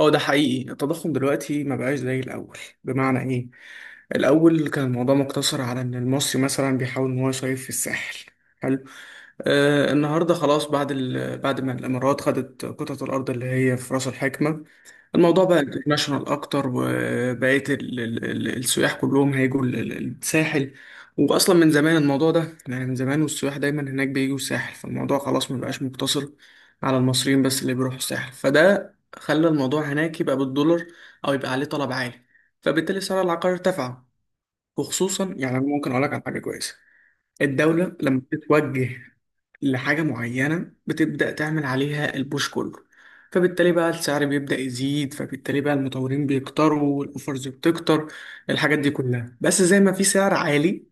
هو ده حقيقي التضخم دلوقتي ما بقاش زي الأول. بمعنى إيه؟ الأول كان الموضوع مقتصر على إن المصري مثلا بيحاول إن هو يصيف في الساحل. حلو. النهاردة خلاص بعد ما الإمارات خدت قطعة الأرض اللي هي في رأس الحكمة. الموضوع بقى انترناشونال اكتر، وبقيت السياح كلهم هيجوا الساحل. واصلا من زمان الموضوع ده، يعني من زمان والسياح دايما هناك بيجوا الساحل، فالموضوع خلاص ما بقاش مقتصر على المصريين بس اللي بيروحوا الساحل، فده خلى الموضوع هناك يبقى بالدولار او يبقى عليه طلب عالي، فبالتالي سعر العقار ارتفع. وخصوصا يعني أنا ممكن اقول لك على حاجه كويسه. الدوله لما بتتوجه لحاجة معينة بتبدأ تعمل عليها البوش كله، فبالتالي بقى السعر بيبدأ يزيد، فبالتالي بقى المطورين بيكتروا والأوفرز بتكتر. الحاجات دي كلها بس زي ما في سعر عالي،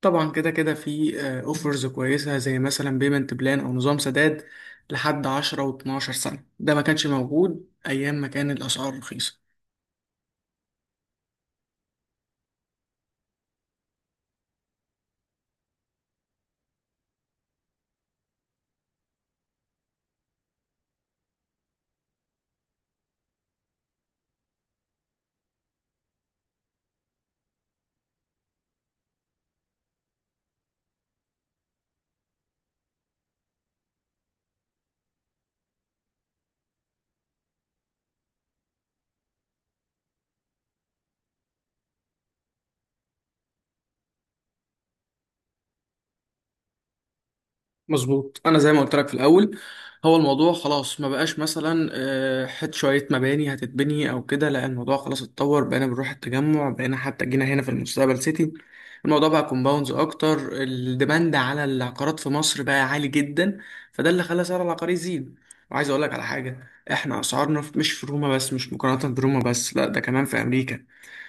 طبعا كده كده في أوفرز كويسة، زي مثلا بيمنت بلان أو نظام سداد لحد 10 و12 سنة، ده ما كانش موجود أيام ما كان الأسعار رخيصة. مظبوط، انا زي ما قلت لك في الاول، هو الموضوع خلاص ما بقاش مثلا شويه مباني هتتبني او كده، لا، الموضوع خلاص اتطور، بقينا بنروح التجمع، بقينا حتى جينا هنا في المستقبل سيتي. الموضوع بقى كومباوندز اكتر، الديماند على العقارات في مصر بقى عالي جدا، فده اللي خلى سعر العقار يزيد. وعايز اقول لك على حاجه، احنا اسعارنا مش في روما بس، مش مقارنه بروما بس، لا ده كمان في امريكا.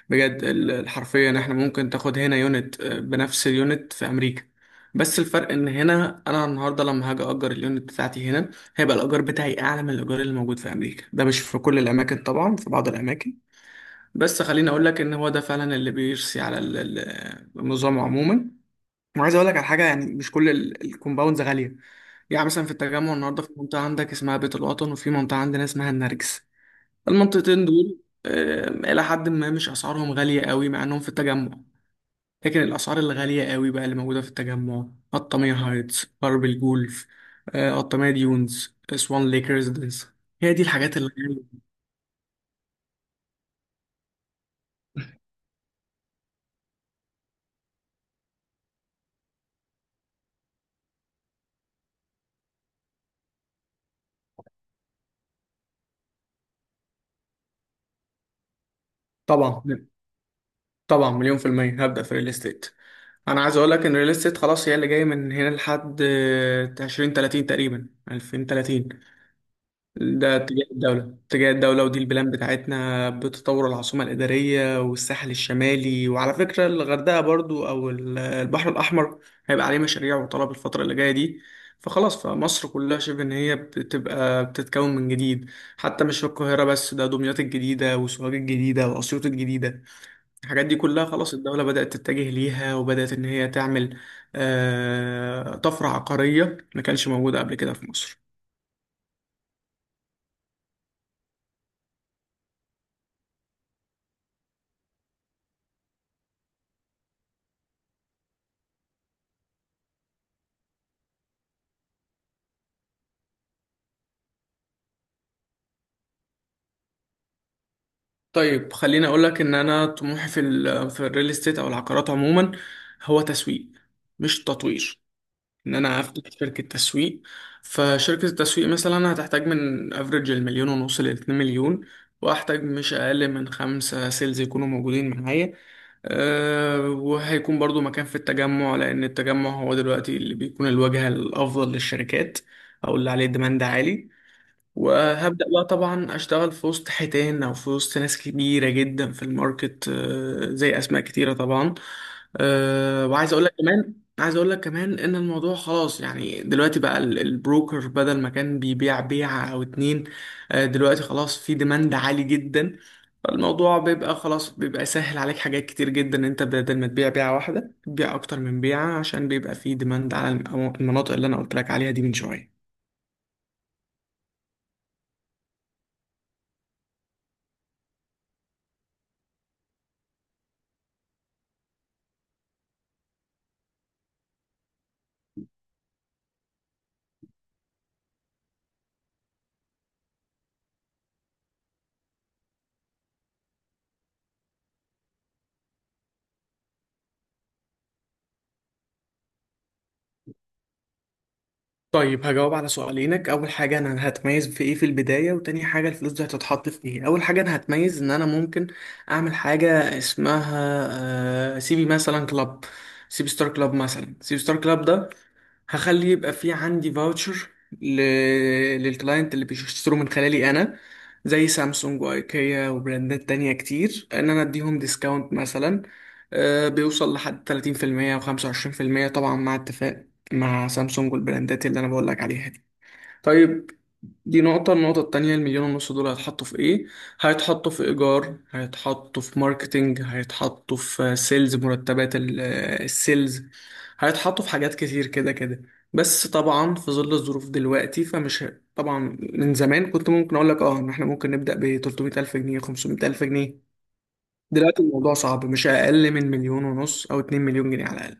بجد حرفيا احنا ممكن تاخد هنا يونت، بنفس اليونت في امريكا، بس الفرق ان هنا انا النهارده لما هاجي اجر اليونت بتاعتي هنا، هيبقى الايجار بتاعي اعلى من الايجار اللي موجود في امريكا. ده مش في كل الاماكن طبعا، في بعض الاماكن، بس خليني اقول لك ان هو ده فعلا اللي بيرسي على النظام عموما. وعايز اقول لك على حاجه، يعني مش كل الكومباوندز غاليه، يعني مثلا في التجمع النهارده في منطقه عندك اسمها بيت الوطن، وفي منطقه عندنا اسمها النرجس. المنطقتين دول إلى حد ما مش أسعارهم غالية قوي، مع إنهم في التجمع. لكن الأسعار الغالية قوي بقى اللي موجودة في التجمع، قطامية هايتس، غرب الجولف، قطامية ديونز، سوان ليك ريزيدنس. هي دي الحاجات اللي طبعا. طبعا مليون في المية هبدأ في الريل استيت. أنا عايز أقول لك إن الريل استيت خلاص هي اللي جاية من هنا لحد عشرين تلاتين تقريبا، ألفين تلاتين. ده اتجاه الدولة، اتجاه الدولة، ودي البلان بتاعتنا بتطور العاصمة الإدارية والساحل الشمالي، وعلى فكرة الغردقة برضو أو البحر الأحمر هيبقى عليه مشاريع وطلب الفترة اللي جاية دي. فخلاص فمصر كلها شبه إن هي بتبقى بتتكون من جديد، حتى مش القاهرة بس، ده دمياط الجديدة وسوهاج الجديدة وأسيوط الجديدة. الحاجات دي كلها خلاص الدولة بدأت تتجه ليها، وبدأت إن هي تعمل طفرة عقارية ما كانش موجودة قبل كده في مصر. طيب خليني اقول لك ان انا طموحي في الريل استيت او العقارات عموما، هو تسويق، مش تطوير. ان انا افتح شركه تسويق، فشركه التسويق مثلا هتحتاج من افريج المليون ونص لاتنين مليون، واحتاج مش اقل من خمسه سيلز يكونوا موجودين معايا. أه، وهيكون برضو مكان في التجمع، لان التجمع هو دلوقتي اللي بيكون الواجهه الافضل للشركات، او اللي عليه ديماند عالي. وهبدأ بقى طبعا أشتغل في وسط حيتان، أو في وسط ناس كبيرة جدا في الماركت، زي أسماء كتيرة طبعا. آه، وعايز أقول لك كمان عايز أقول لك كمان إن الموضوع خلاص، يعني دلوقتي بقى البروكر بدل ما كان بيبيع بيعة أو اتنين، دلوقتي خلاص في ديماند عالي جدا، فالموضوع بيبقى خلاص، بيبقى سهل عليك حاجات كتير جدا، أنت بدل ما تبيع بيعة واحدة تبيع أكتر من بيعة، عشان بيبقى في ديماند على المناطق اللي أنا قلت لك عليها دي من شوية. طيب هجاوب على سؤالينك، اول حاجه انا هتميز في ايه في البدايه، وتاني حاجه الفلوس دي هتتحط في ايه. اول حاجه انا هتميز ان انا ممكن اعمل حاجه اسمها سيبي مثلا كلاب، سيبي ستار كلاب، مثلا سيبي ستار كلاب ده هخلي يبقى في عندي فاوتشر ل... للكلاينت اللي بيشتروا من خلالي انا، زي سامسونج وايكيا وبراندات تانية كتير، ان انا اديهم ديسكاونت مثلا بيوصل لحد 30% و25%، طبعا مع اتفاق مع سامسونج والبراندات اللي انا بقول لك عليها دي. طيب، دي نقطة. النقطة التانية، المليون ونص دول هيتحطوا في ايه؟ هيتحطوا في ايجار، هيتحطوا في ماركتينج، هيتحطوا في سيلز، مرتبات السيلز، هيتحطوا في حاجات كتير كده كده. بس طبعا في ظل الظروف دلوقتي طبعا من زمان كنت ممكن اقول لك اه ان احنا ممكن نبدأ ب 300 الف جنيه، 500 الف جنيه. دلوقتي الموضوع صعب، مش اقل من مليون ونص او 2 مليون جنيه على الاقل.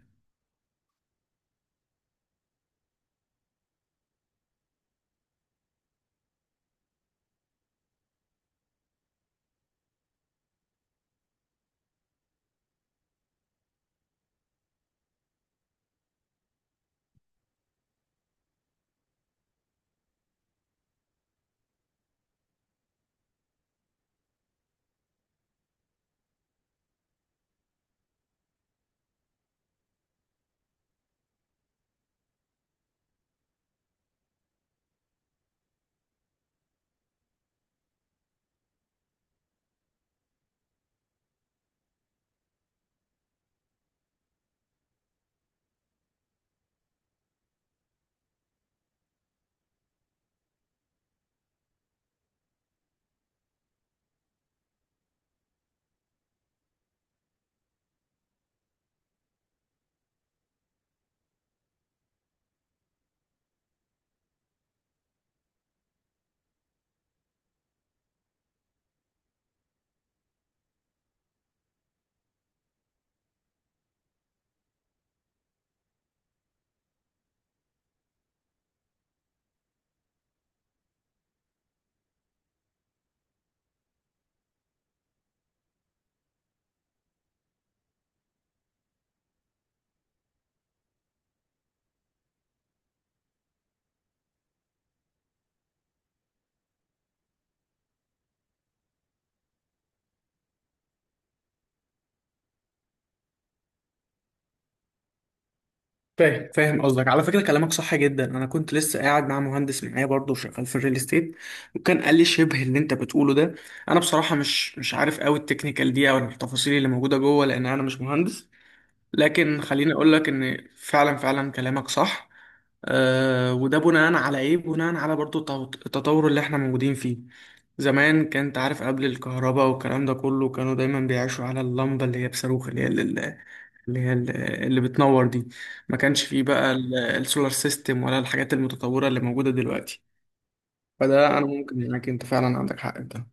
فاهم، فاهم قصدك. على فكره كلامك صح جدا، انا كنت لسه قاعد مع مهندس معايا برضه شغال في الريل استيت، وكان قال لي شبه اللي انت بتقوله ده. انا بصراحه مش عارف قوي التكنيكال دي او التفاصيل اللي موجوده جوه، لان انا مش مهندس، لكن خليني اقول لك ان فعلا فعلا كلامك صح. وده بناء على ايه؟ بناء على برضو التطور اللي احنا موجودين فيه. زمان كان انت عارف قبل الكهرباء والكلام ده كله، كانوا دايما بيعيشوا على اللمبه اللي هي بصاروخ، اللي هي اللي اللي هي ال- اللي بتنور دي. ما كانش فيه بقى السولار سيستم، ولا الحاجات المتطوره اللي موجوده دلوقتي. فده، انا ممكن معاك، انت فعلا عندك حق في ده.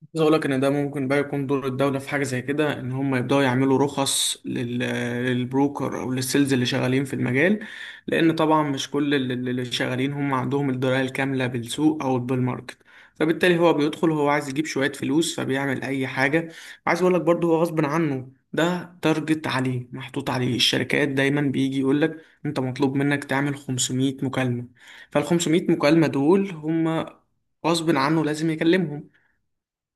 عايز اقول لك ان ده ممكن بقى يكون دور الدوله في حاجه زي كده، ان هم يبداوا يعملوا رخص للبروكر او للسيلز اللي شغالين في المجال، لان طبعا مش كل اللي شغالين هم عندهم الدرايه الكامله بالسوق او بالماركت، فبالتالي هو بيدخل، هو عايز يجيب شويه فلوس، فبيعمل اي حاجه. عايز اقول لك برضه هو غصب عنه، ده تارجت عليه، محطوط عليه، الشركات دايما بيجي يقول لك انت مطلوب منك تعمل 500 مكالمه، فال 500 مكالمه دول هم غصب عنه لازم يكلمهم.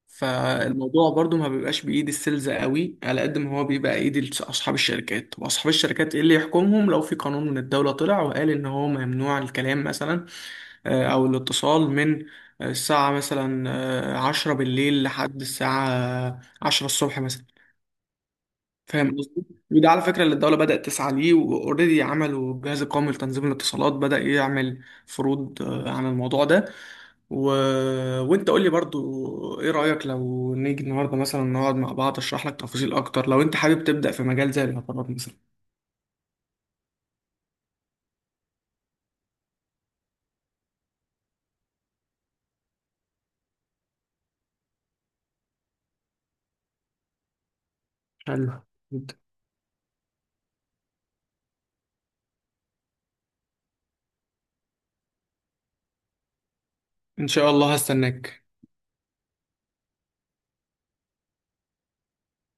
فالموضوع برضو ما بيبقاش بإيد السيلز قوي، على قد ما هو بيبقى إيد أصحاب الشركات، وأصحاب الشركات إيه اللي يحكمهم؟ لو في قانون من الدولة طلع وقال إن هو ممنوع الكلام مثلا، أو الاتصال من الساعة مثلا عشرة بالليل لحد الساعة عشرة الصبح مثلا. فاهم قصدي؟ وده على فكرة اللي الدولة بدأت تسعى ليه، وأوريدي عملوا الجهاز القومي لتنظيم الاتصالات بدأ يعمل فروض عن الموضوع ده، و... وأنت قول لي برضو إيه رأيك، لو نيجي النهاردة مثلا نقعد مع بعض أشرح لك تفاصيل أكتر لو أنت حابب تبدأ في مجال زي الاعتبارات مثلا. حلو جدا. إن شاء الله هستناك.